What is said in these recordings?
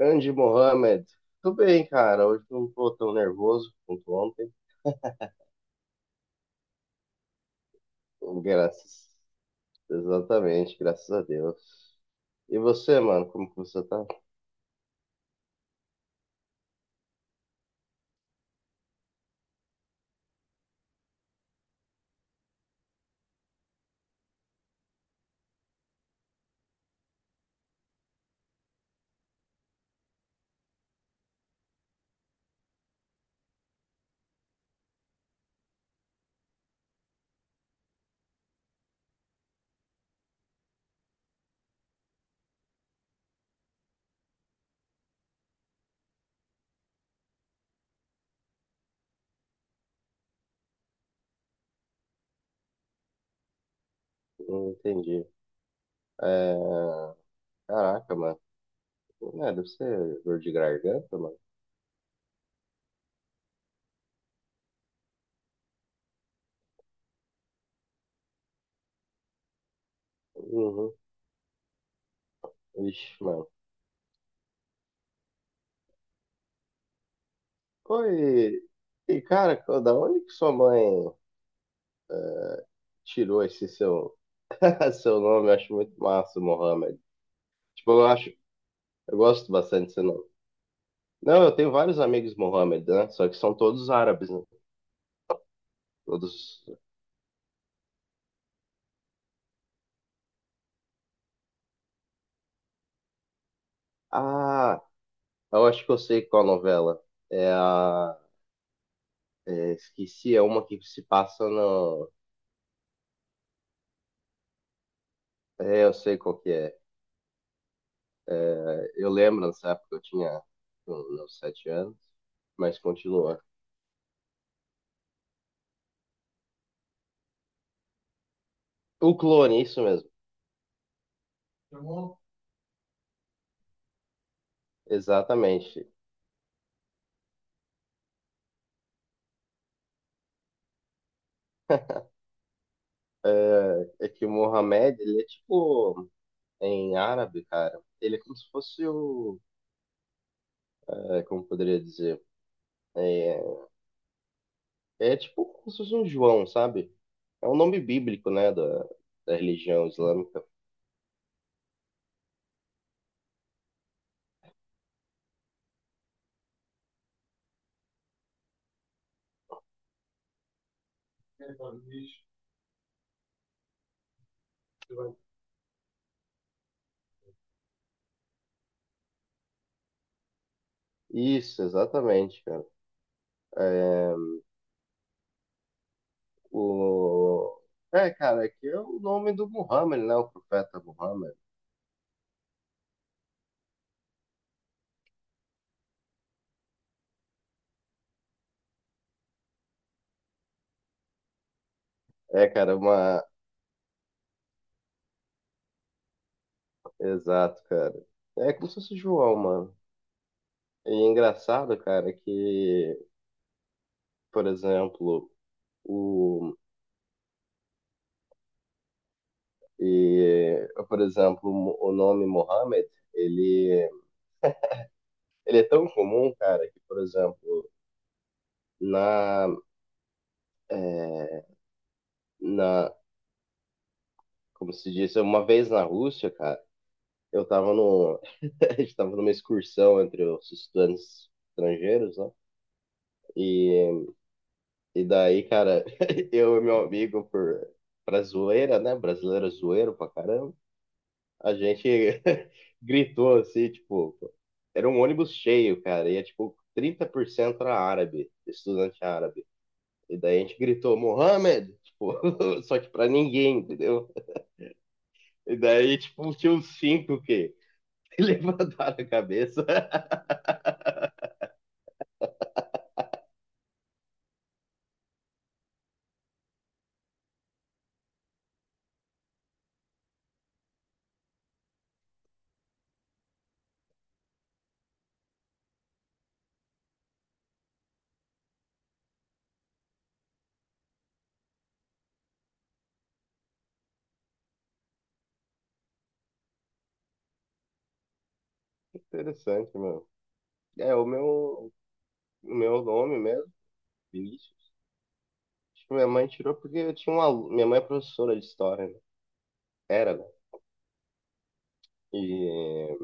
Andy Mohamed, tudo bem, cara? Hoje não tô tão nervoso quanto ontem. Graças, exatamente, graças a Deus. E você, mano, como que você tá? Não entendi. É... Caraca, mano. É, deve ser dor de garganta, mano. Uhum. Ixi, mano. Pô, e, cara, da onde que sua mãe é, tirou esse seu, seu nome? Eu acho muito massa, Mohamed. Tipo, eu acho, eu gosto bastante desse nome. Não, eu tenho vários amigos Mohammed, né? Só que são todos árabes, né? Todos. Ah, eu acho que eu sei qual novela. É a. Esqueci, é uma que se passa no. É, eu sei qual que é. É, eu lembro nessa época eu tinha uns 7 anos, mas continua. O clone, isso mesmo. Exatamente. É que o Mohamed, ele é tipo, em árabe, cara, ele é como se fosse o, como poderia dizer, É, tipo como se fosse um João, sabe? É um nome bíblico, né, da, da religião islâmica. Isso, exatamente, cara. É, o... É, cara, é que é o nome do Muhammad, né, o profeta Muhammad. É, cara, uma... Exato, cara. É como se fosse João, mano. E é engraçado, cara, que, por exemplo, o... E, por exemplo, o nome Muhammad, ele, ele é tão comum, cara, que, por exemplo, na, é, na, como se diz, uma vez na Rússia, cara, eu tava no, a gente tava numa excursão entre os estudantes estrangeiros, né? E, e daí, cara, eu e meu amigo, pra zoeira, né? Brasileiro é zoeiro pra caramba, a gente gritou assim, tipo, era um ônibus cheio, cara, e é tipo 30% era árabe, estudante árabe. E daí a gente gritou, Mohamed! Tipo, só que pra ninguém, entendeu? E daí, tipo, tinha uns cinco que levantaram a cabeça. Interessante, mano. É, o meu nome mesmo, Vinícius. Tipo, minha mãe tirou porque eu tinha Minha mãe é professora de história, né? Era, né? E,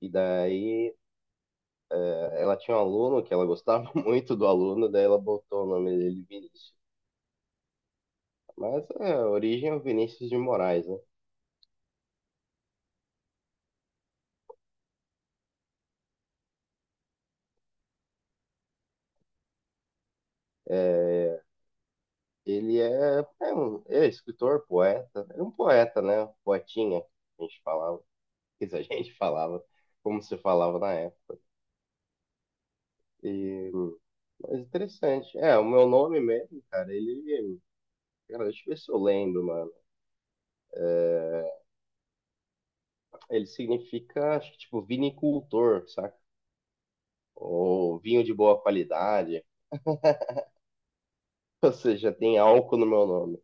e daí ela tinha um aluno que ela gostava muito do aluno, daí ela botou o nome dele Vinícius. Mas é, a origem é o Vinícius de Moraes, né? Eh, Ele é escritor, poeta. Era um poeta, né? Poetinha, que a gente falava. Quer dizer, a gente falava como se falava na época. E, mas interessante. É, o meu nome mesmo, cara, ele. Cara, deixa eu ver se eu lembro, mano. Ele significa, acho que, tipo, vinicultor, saca? Ou vinho de boa qualidade. Ou seja, tem álcool no meu nome.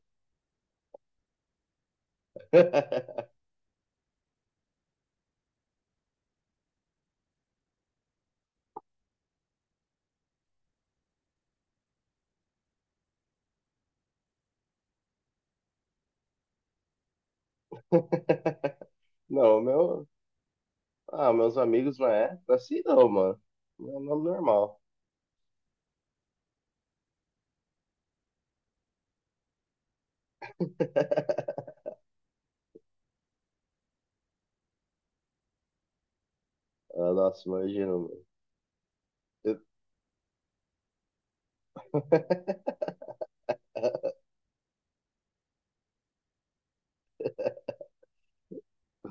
Não, o meu. Ah, meus amigos não é? Assim não, mano. Meu nome normal. Ah, nossa, imagina, mano. Eu-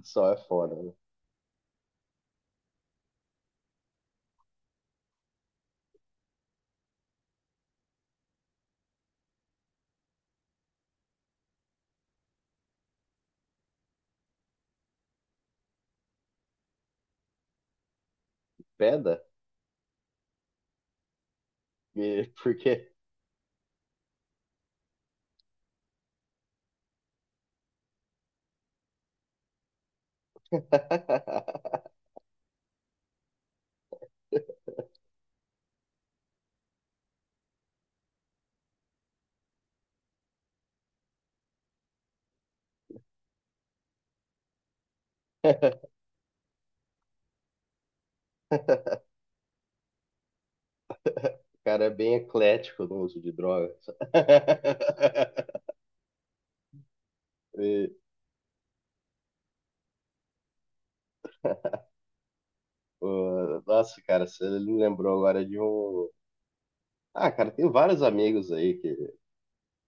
Só é foda, né? Peda? Por quê? cara é bem eclético no uso de drogas. E, pô, nossa, cara, você me lembrou agora de um. Ah, cara, tem vários amigos aí que.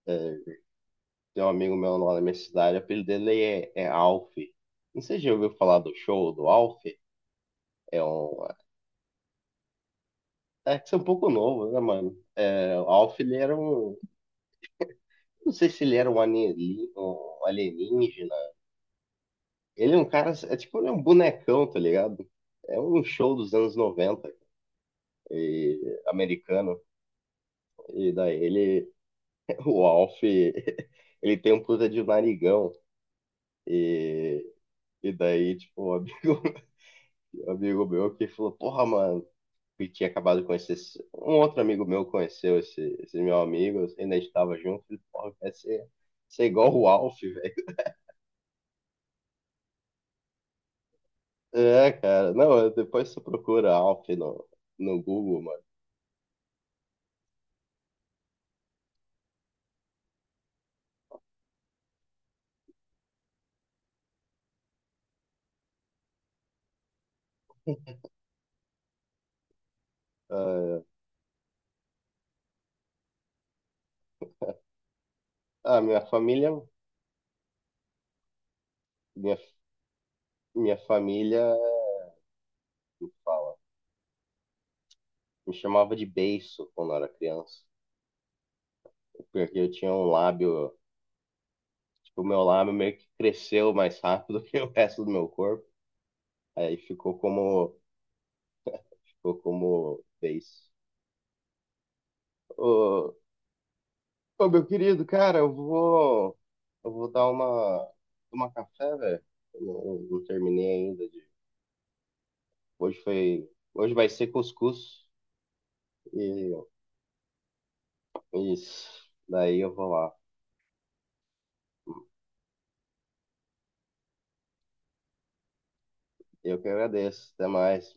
é, Tem um amigo meu lá na minha cidade, o apelido dele é Alf. Não sei se já ouviu falar do show do Alf. É um. É que você é um pouco novo, né, mano? É, o Alf, ele era um. Não sei se ele era um alienígena. Ele é um cara. É tipo, ele é um bonecão, tá ligado? É um show dos anos 90. Americano. E daí ele, o Alf, ele tem um puta de narigão. E, e daí, tipo, um amigo, um amigo meu que falou, porra, mano, que tinha acabado de conhecer. Um outro amigo meu conheceu esse, meu amigo, ainda estava junto. Ele, falou, porra, quer ser igual o Alf, velho. É, cara, não, depois você procura Alf no Google, mano. Ah, minha família, minha, minha família fala me chamava de beiço quando eu era criança, porque eu tinha um lábio, tipo, o meu lábio meio que cresceu mais rápido que o resto do meu corpo. Aí ficou como beiço. Ô, ô, meu querido, cara, eu vou dar uma, tomar café, velho. Eu não terminei ainda de, hoje vai ser cuscuz e isso. Daí eu vou lá. Eu que agradeço. Até mais.